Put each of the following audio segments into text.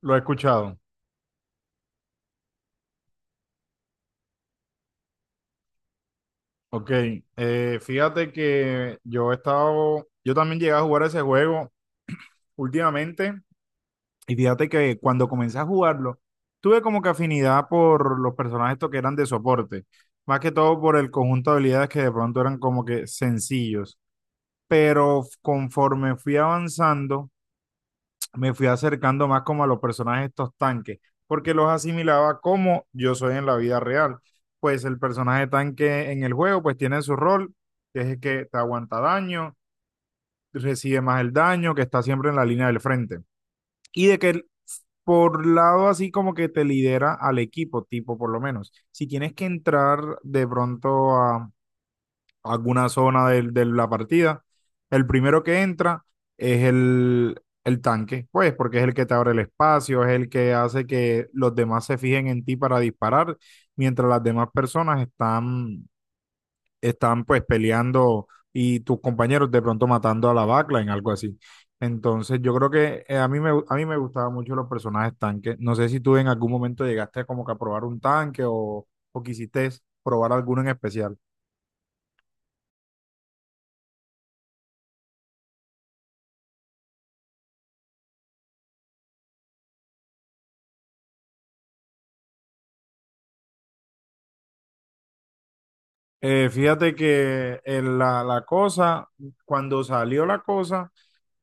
Lo he escuchado. Ok. Fíjate que yo he estado, yo también llegué a jugar ese juego últimamente. Y fíjate que cuando comencé a jugarlo, tuve como que afinidad por los personajes estos que eran de soporte, más que todo por el conjunto de habilidades que de pronto eran como que sencillos. Pero conforme fui avanzando, me fui acercando más como a los personajes de estos tanques, porque los asimilaba como yo soy en la vida real. Pues el personaje tanque en el juego pues tiene su rol, que es el que te aguanta daño, recibe más el daño, que está siempre en la línea del frente. Y de que por lado así como que te lidera al equipo, tipo por lo menos. Si tienes que entrar de pronto a alguna zona de la partida. El primero que entra es el tanque, pues, porque es el que te abre el espacio, es el que hace que los demás se fijen en ti para disparar, mientras las demás personas están, están pues peleando y tus compañeros de pronto matando a la backline, algo así. Entonces, yo creo que a mí me gustaban mucho los personajes tanques. No sé si tú en algún momento llegaste como que a probar un tanque o quisiste probar alguno en especial. Fíjate que en la cosa, cuando salió la cosa,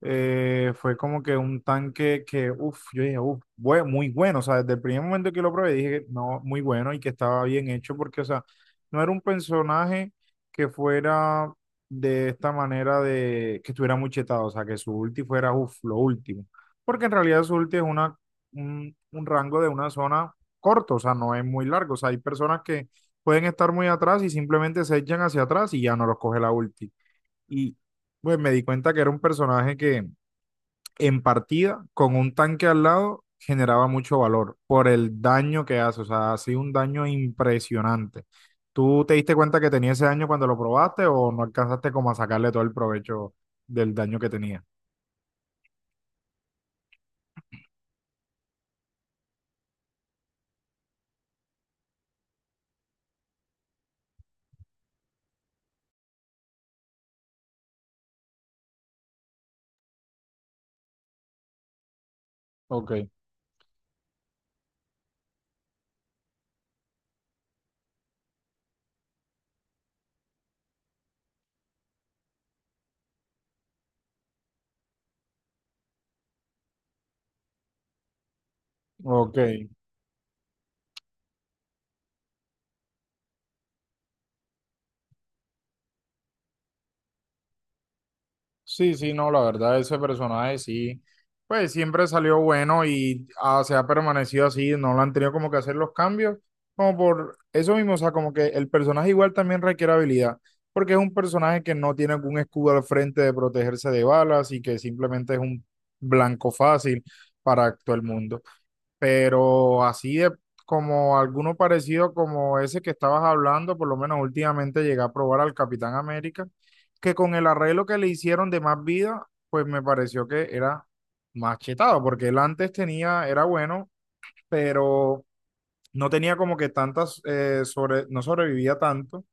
fue como que un tanque que, uff, yo dije, uff, muy bueno. O sea, desde el primer momento que lo probé dije que no, muy bueno y que estaba bien hecho porque, o sea, no era un personaje que fuera de esta manera de que estuviera muy chetado, o sea, que su ulti fuera, uff, lo último. Porque en realidad su ulti es una, un rango de una zona corto, o sea, no es muy largo. O sea, hay personas que pueden estar muy atrás y simplemente se echan hacia atrás y ya no los coge la ulti. Y pues me di cuenta que era un personaje que en partida con un tanque al lado generaba mucho valor por el daño que hace, o sea, ha sido un daño impresionante. ¿Tú te diste cuenta que tenía ese daño cuando lo probaste o no alcanzaste como a sacarle todo el provecho del daño que tenía? Ok, ok. Sí, sí, no, la verdad, ese personaje sí, pues siempre salió bueno y ah, se ha permanecido así, no lo han tenido como que hacer los cambios, como por eso mismo, o sea, como que el personaje igual también requiere habilidad, porque es un personaje que no tiene algún escudo al frente de protegerse de balas y que simplemente es un blanco fácil para todo el mundo, pero así de como alguno parecido como ese que estabas hablando, por lo menos últimamente llegué a probar al Capitán América, que con el arreglo que le hicieron de más vida, pues me pareció que era más chetado, porque él antes tenía, era bueno, pero no tenía como que tantas, sobre, no sobrevivía tanto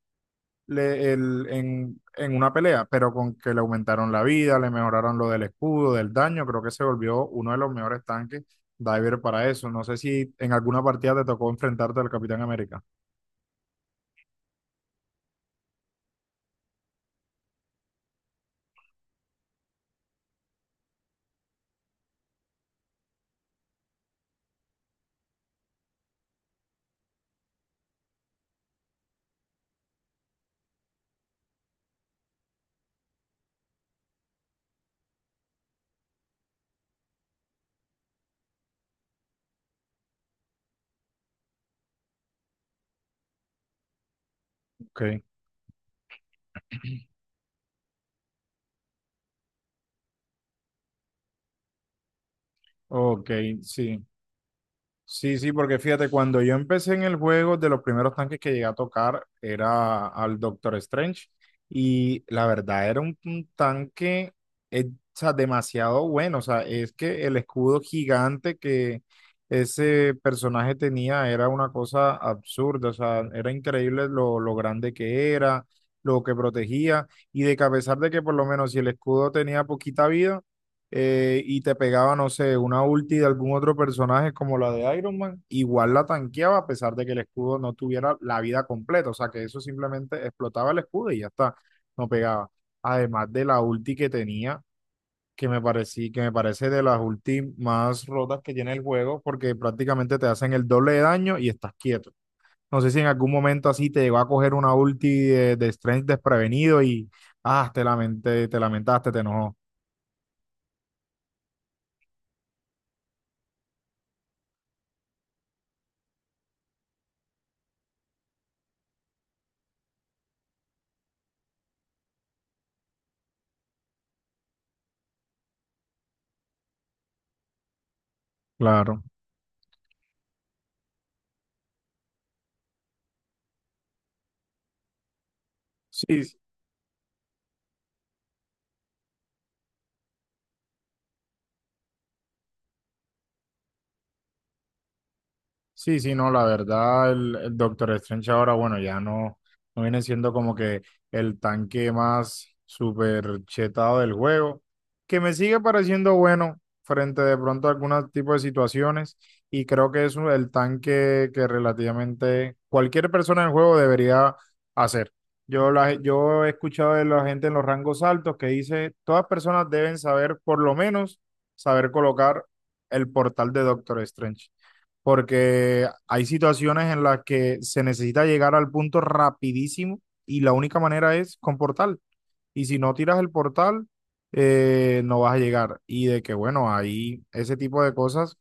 en una pelea, pero con que le aumentaron la vida, le mejoraron lo del escudo, del daño, creo que se volvió uno de los mejores tanques diver para eso. No sé si en alguna partida te tocó enfrentarte al Capitán América. Ok, ok, sí. Sí, sí, porque fíjate, cuando yo empecé en el juego, de los primeros tanques que llegué a tocar era al Doctor Strange y la verdad era un tanque o sea, demasiado bueno, o sea, es que el escudo gigante que ese personaje tenía era una cosa absurda, o sea, era increíble lo grande que era, lo que protegía y de que a pesar de que por lo menos si el escudo tenía poquita vida, y te pegaba, no sé, una ulti de algún otro personaje como la de Iron Man, igual la tanqueaba a pesar de que el escudo no tuviera la vida completa, o sea que eso simplemente explotaba el escudo y ya está, no pegaba. Además de la ulti que tenía, que me parecí, que me parece de las ulti más rotas que tiene el juego, porque prácticamente te hacen el doble de daño y estás quieto. No sé si en algún momento así te llegó a coger una ulti de Strength desprevenido y ah, te lamenté, te lamentaste, te enojó. Claro. Sí, sí, sí, no, la verdad, el Doctor Strange ahora, bueno, ya no, no viene siendo como que el tanque más super chetado del juego, que me sigue pareciendo bueno frente de pronto a algunos tipos de situaciones y creo que es el tanque que relativamente cualquier persona en el juego debería hacer. Yo, la, yo he escuchado de la gente en los rangos altos que dice, todas personas deben saber por lo menos saber colocar el portal de Doctor Strange porque hay situaciones en las que se necesita llegar al punto rapidísimo y la única manera es con portal. Y si no tiras el portal, no vas a llegar. Y de que, bueno, ahí ese tipo de cosas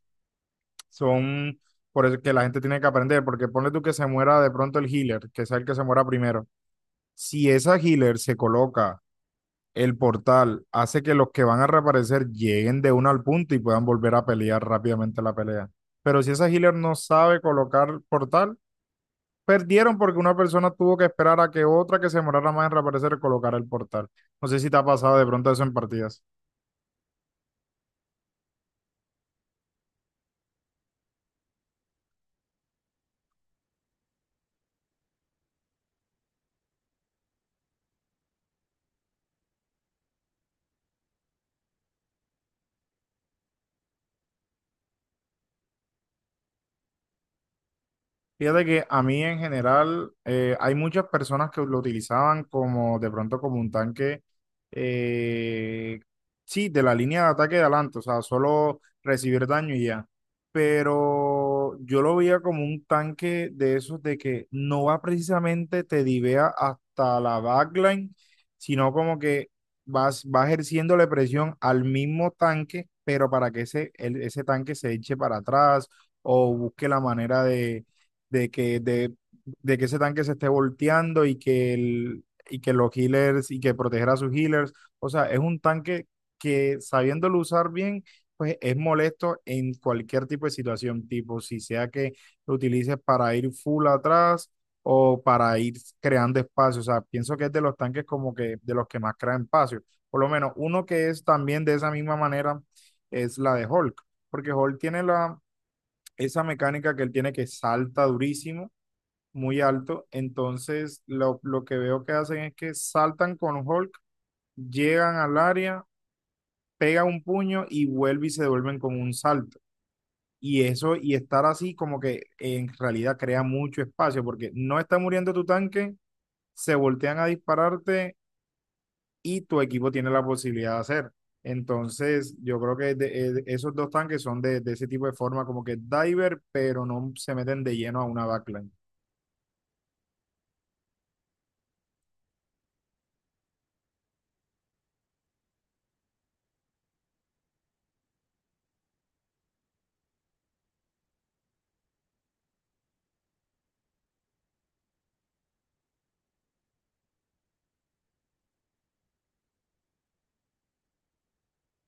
son por eso que la gente tiene que aprender, porque ponle tú que se muera de pronto el healer, que sea el que se muera primero. Si esa healer se coloca el portal hace que los que van a reaparecer lleguen de una al punto y puedan volver a pelear rápidamente la pelea. Pero si esa healer no sabe colocar portal, perdieron porque una persona tuvo que esperar a que otra que se demorara más en reaparecer colocara el portal. No sé si te ha pasado de pronto eso en partidas. Fíjate que a mí en general hay muchas personas que lo utilizaban como de pronto como un tanque, eh, sí, de la línea de ataque de adelante, o sea, solo recibir daño y ya. Pero yo lo veía como un tanque de esos de que no va precisamente te divea hasta la backline, sino como que vas, va ejerciéndole presión al mismo tanque, pero para que ese, ese tanque se eche para atrás o busque la manera de que, de, de que ese tanque se esté volteando y que, el, y que los healers y que proteger a sus healers. O sea, es un tanque que sabiéndolo usar bien, pues es molesto en cualquier tipo de situación, tipo si sea que lo utilices para ir full atrás o para ir creando espacio. O sea, pienso que es de los tanques como que de los que más crean espacio. Por lo menos uno que es también de esa misma manera es la de Hulk, porque Hulk tiene la, esa mecánica que él tiene que salta durísimo muy alto. Entonces, lo que veo que hacen es que saltan con Hulk, llegan al área, pega un puño y vuelve y se devuelven con un salto. Y eso, y estar así como que en realidad crea mucho espacio porque no está muriendo tu tanque, se voltean a dispararte y tu equipo tiene la posibilidad de hacer. Entonces, yo creo que esos dos tanques son de ese tipo de forma, como que diver, pero no se meten de lleno a una backline.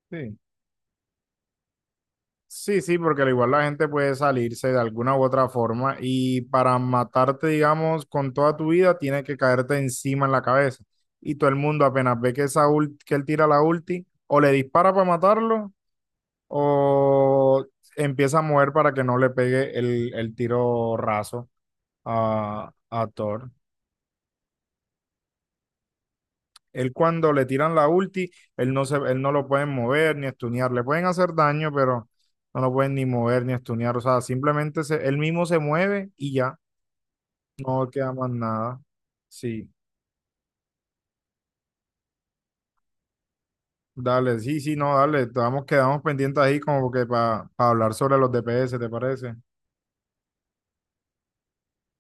Sí. Sí, sí, porque al igual la gente puede salirse de alguna u otra forma y para matarte, digamos, con toda tu vida, tiene que caerte encima en la cabeza. Y todo el mundo apenas ve que, esa que él tira la ulti, o le dispara para matarlo, o empieza a mover para que no le pegue el tiro raso a Thor. Él cuando le tiran la ulti, él no se, él no lo pueden mover ni estunear. Le pueden hacer daño, pero no lo pueden ni mover ni estunear. O sea, simplemente se, él mismo se mueve y ya. No queda más nada. Sí, dale, sí, sí, no, dale. Estamos, quedamos pendientes ahí como que para hablar sobre los DPS, ¿te parece?